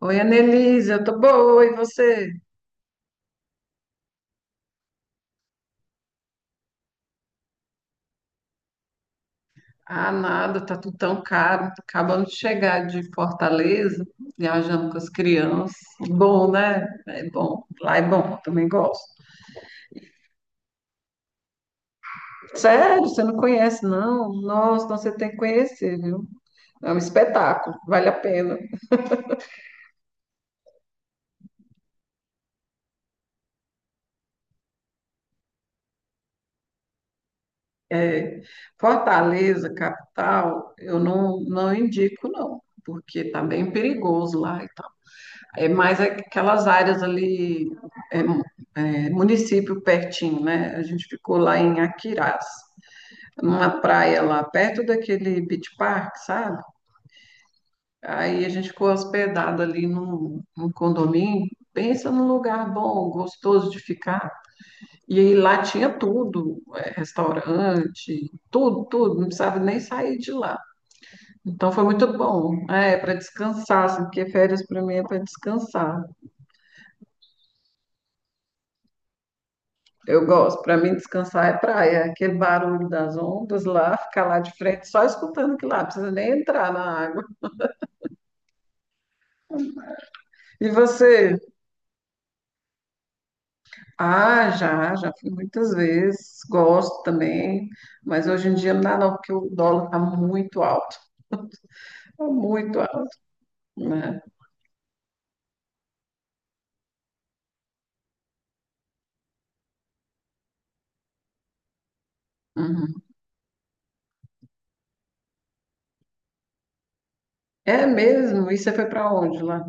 Oi, Anelise, eu tô boa, e você? Ah, nada, tá tudo tão caro. Tá Acabando de chegar de Fortaleza, viajando com as crianças. É bom, né? É bom. Lá é bom, eu também gosto. Sério, você não conhece, não? Nossa, então você tem que conhecer, viu? É um espetáculo, vale a pena. É, Fortaleza, capital, eu não indico, não. Porque tá bem perigoso lá e tal. É mais aquelas áreas ali é, é, município pertinho, né? A gente ficou lá em Aquiraz, numa praia lá perto daquele beach park, sabe? Aí a gente ficou hospedado ali num condomínio. Pensa num lugar bom, gostoso de ficar. E aí lá tinha tudo, é, restaurante, tudo, tudo, não precisava nem sair de lá. Então foi muito bom. É, para descansar, assim, porque férias para mim é para descansar. Eu gosto, para mim descansar é praia, é aquele barulho das ondas lá, ficar lá de frente só escutando aquilo lá, não precisa nem entrar na água. E você? Ah, já, já fui muitas vezes, gosto também, mas hoje em dia não dá não, porque o dólar está muito alto, tá muito alto, né? Uhum. É mesmo? E você foi para onde lá?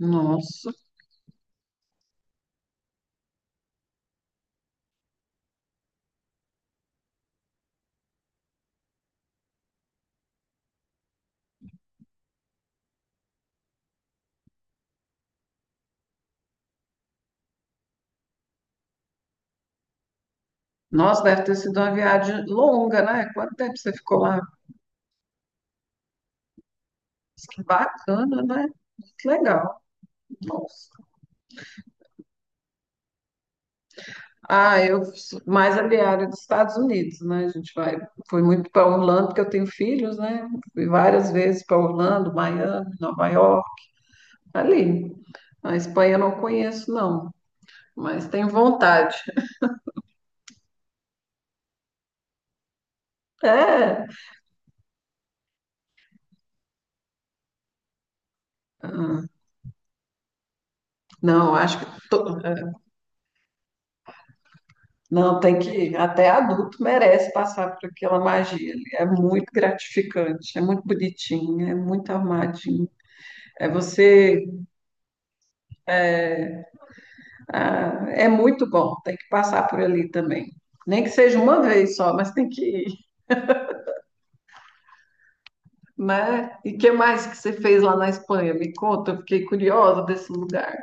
Nossa, nossa, deve ter sido uma viagem longa, né? Quanto tempo você ficou lá? Que bacana, né? Que legal, nossa. Ah, eu sou mais aliada dos Estados Unidos, né? A gente vai, fui muito para Orlando porque eu tenho filhos, né? Fui várias vezes para Orlando, Miami, Nova York, ali. A Espanha eu não conheço, não, mas tenho vontade. É, ah, não, acho que não tem que até adulto merece passar por aquela magia ali. É muito gratificante, é muito bonitinho, é muito armadinho. É você. Ah, é muito bom, tem que passar por ali também. Nem que seja uma vez só, mas tem que ir, né? E que mais que você fez lá na Espanha? Me conta, eu fiquei curiosa desse lugar.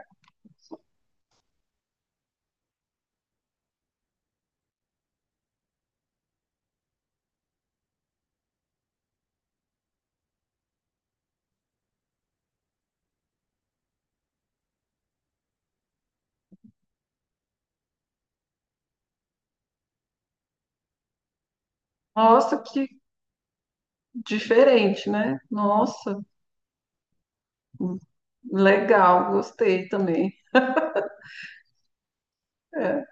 Nossa, que diferente, né? Nossa, legal, gostei também. É.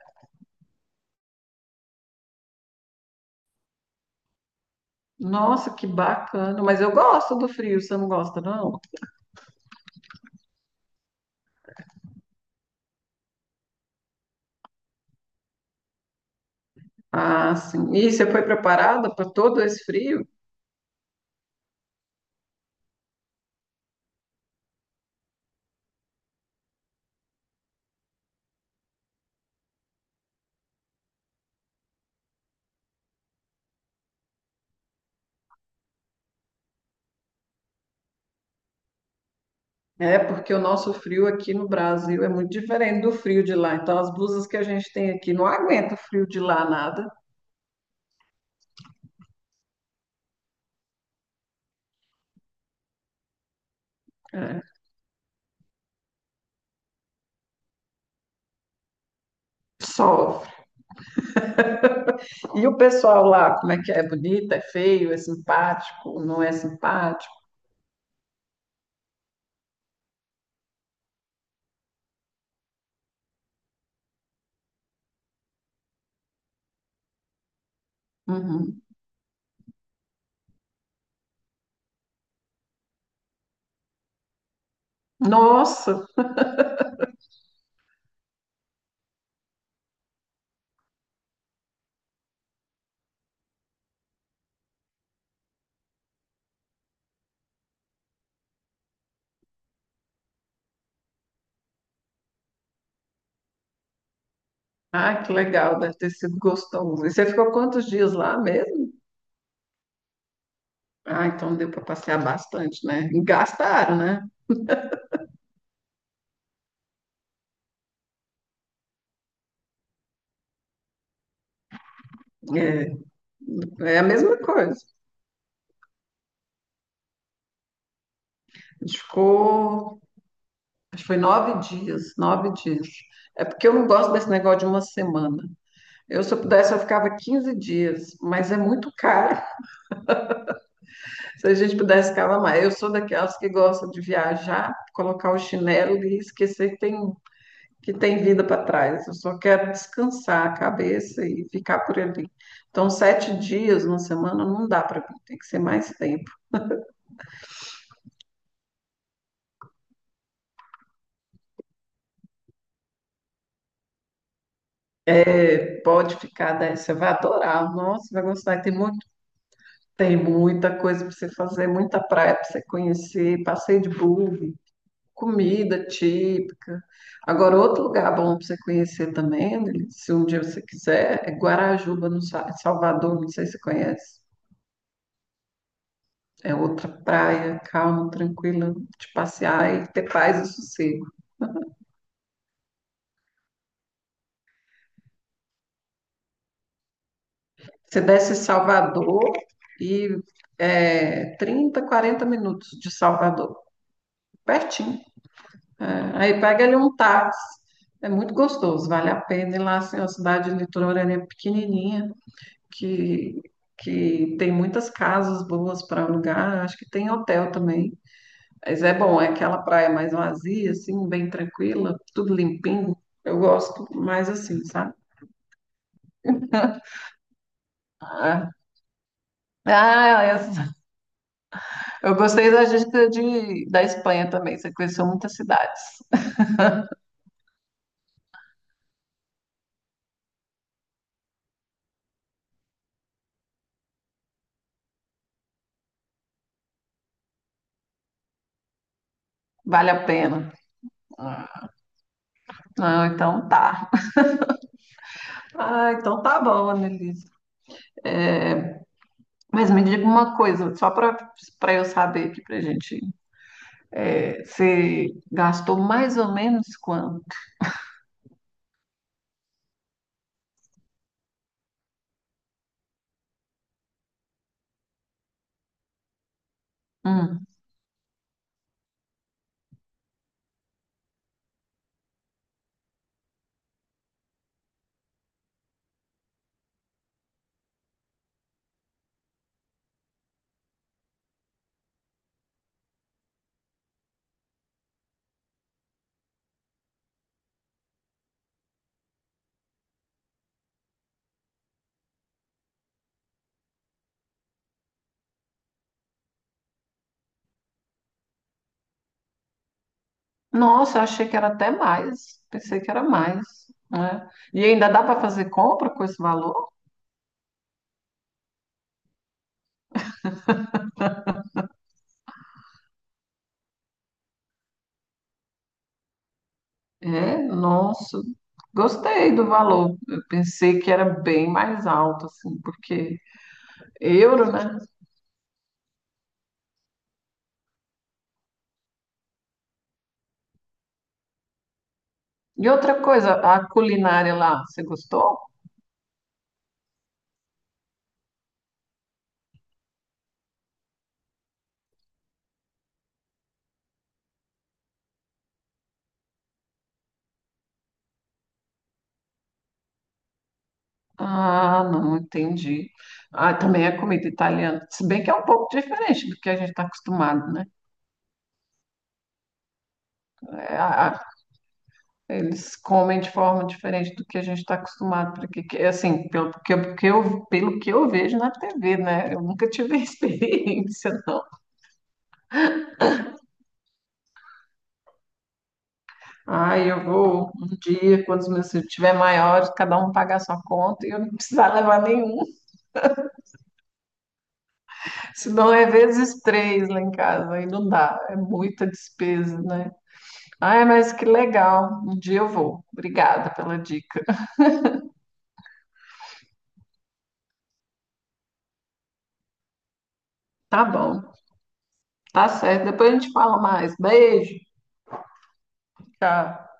Nossa, que bacana. Mas eu gosto do frio, você não gosta, não? Ah, sim. E você foi preparada para todo esse frio? É, porque o nosso frio aqui no Brasil é muito diferente do frio de lá. Então, as blusas que a gente tem aqui não aguenta o frio de lá nada. É, sofre. E o pessoal lá, como é que é? É bonito, é feio, é simpático, não é simpático? Uhum. Nossa! Ah, que legal, deve ter sido gostoso. E você ficou quantos dias lá mesmo? Ah, então deu para passear bastante, né? E gastaram, né? É, é a mesma coisa. A gente ficou, acho que foi 9 dias, 9 dias. É porque eu não gosto desse negócio de uma semana. Eu, se eu pudesse, eu ficava 15 dias, mas é muito caro. Se a gente pudesse ficar mais. Eu sou daquelas que gostam de viajar, colocar o chinelo e esquecer que tem vida para trás. Eu só quero descansar a cabeça e ficar por ali. Então, 7 dias na semana não dá para mim, tem que ser mais tempo. É, pode ficar, né? Você vai adorar. Nossa, vai gostar. Tem um monte, tem muita coisa para você fazer, muita praia para você conhecer, passeio de buggy, comida típica. Agora, outro lugar bom para você conhecer também, né, se um dia você quiser, é Guarajuba, no Salvador, não sei se você conhece. É outra praia, calma, tranquila, de passear e ter paz e sossego. Você desce em Salvador e é 30, 40 minutos de Salvador, pertinho. É, aí pega ali um táxi. É muito gostoso, vale a pena ir lá, assim, uma cidade litorânea pequenininha, que, que tem muitas casas boas para alugar, acho que tem hotel também. Mas é bom, é aquela praia mais vazia, assim, bem tranquila, tudo limpinho. Eu gosto mais assim, sabe? Ah, ah, eu gostei da gente de, da Espanha também, você conheceu muitas cidades. Vale a pena. Ah, então tá. Ah, então tá bom, Annelise. Mas me diga uma coisa, só para para eu saber aqui pra gente. É, você gastou mais ou menos quanto? Hum. Nossa, eu achei que era até mais. Pensei que era mais, né? E ainda dá para fazer compra com esse valor? É, nossa. Gostei do valor. Eu pensei que era bem mais alto, assim, porque euro, né? E outra coisa, a culinária lá, você gostou? Ah, não, entendi. Ah, também é comida italiana, se bem que é um pouco diferente do que a gente está acostumado, né? É, eles comem de forma diferente do que a gente está acostumado, porque assim, pelo que, que eu, pelo que eu vejo na TV, né? Eu nunca tive experiência, não. Ah, eu vou um dia, quando os meus filhos estiverem maiores, cada um pagar sua conta e eu não precisar levar nenhum, senão é vezes 3 lá em casa, aí não dá, é muita despesa, né? Ai, mas que legal. Um dia eu vou. Obrigada pela dica. Tá bom, tá certo. Depois a gente fala mais. Beijo. Tchau.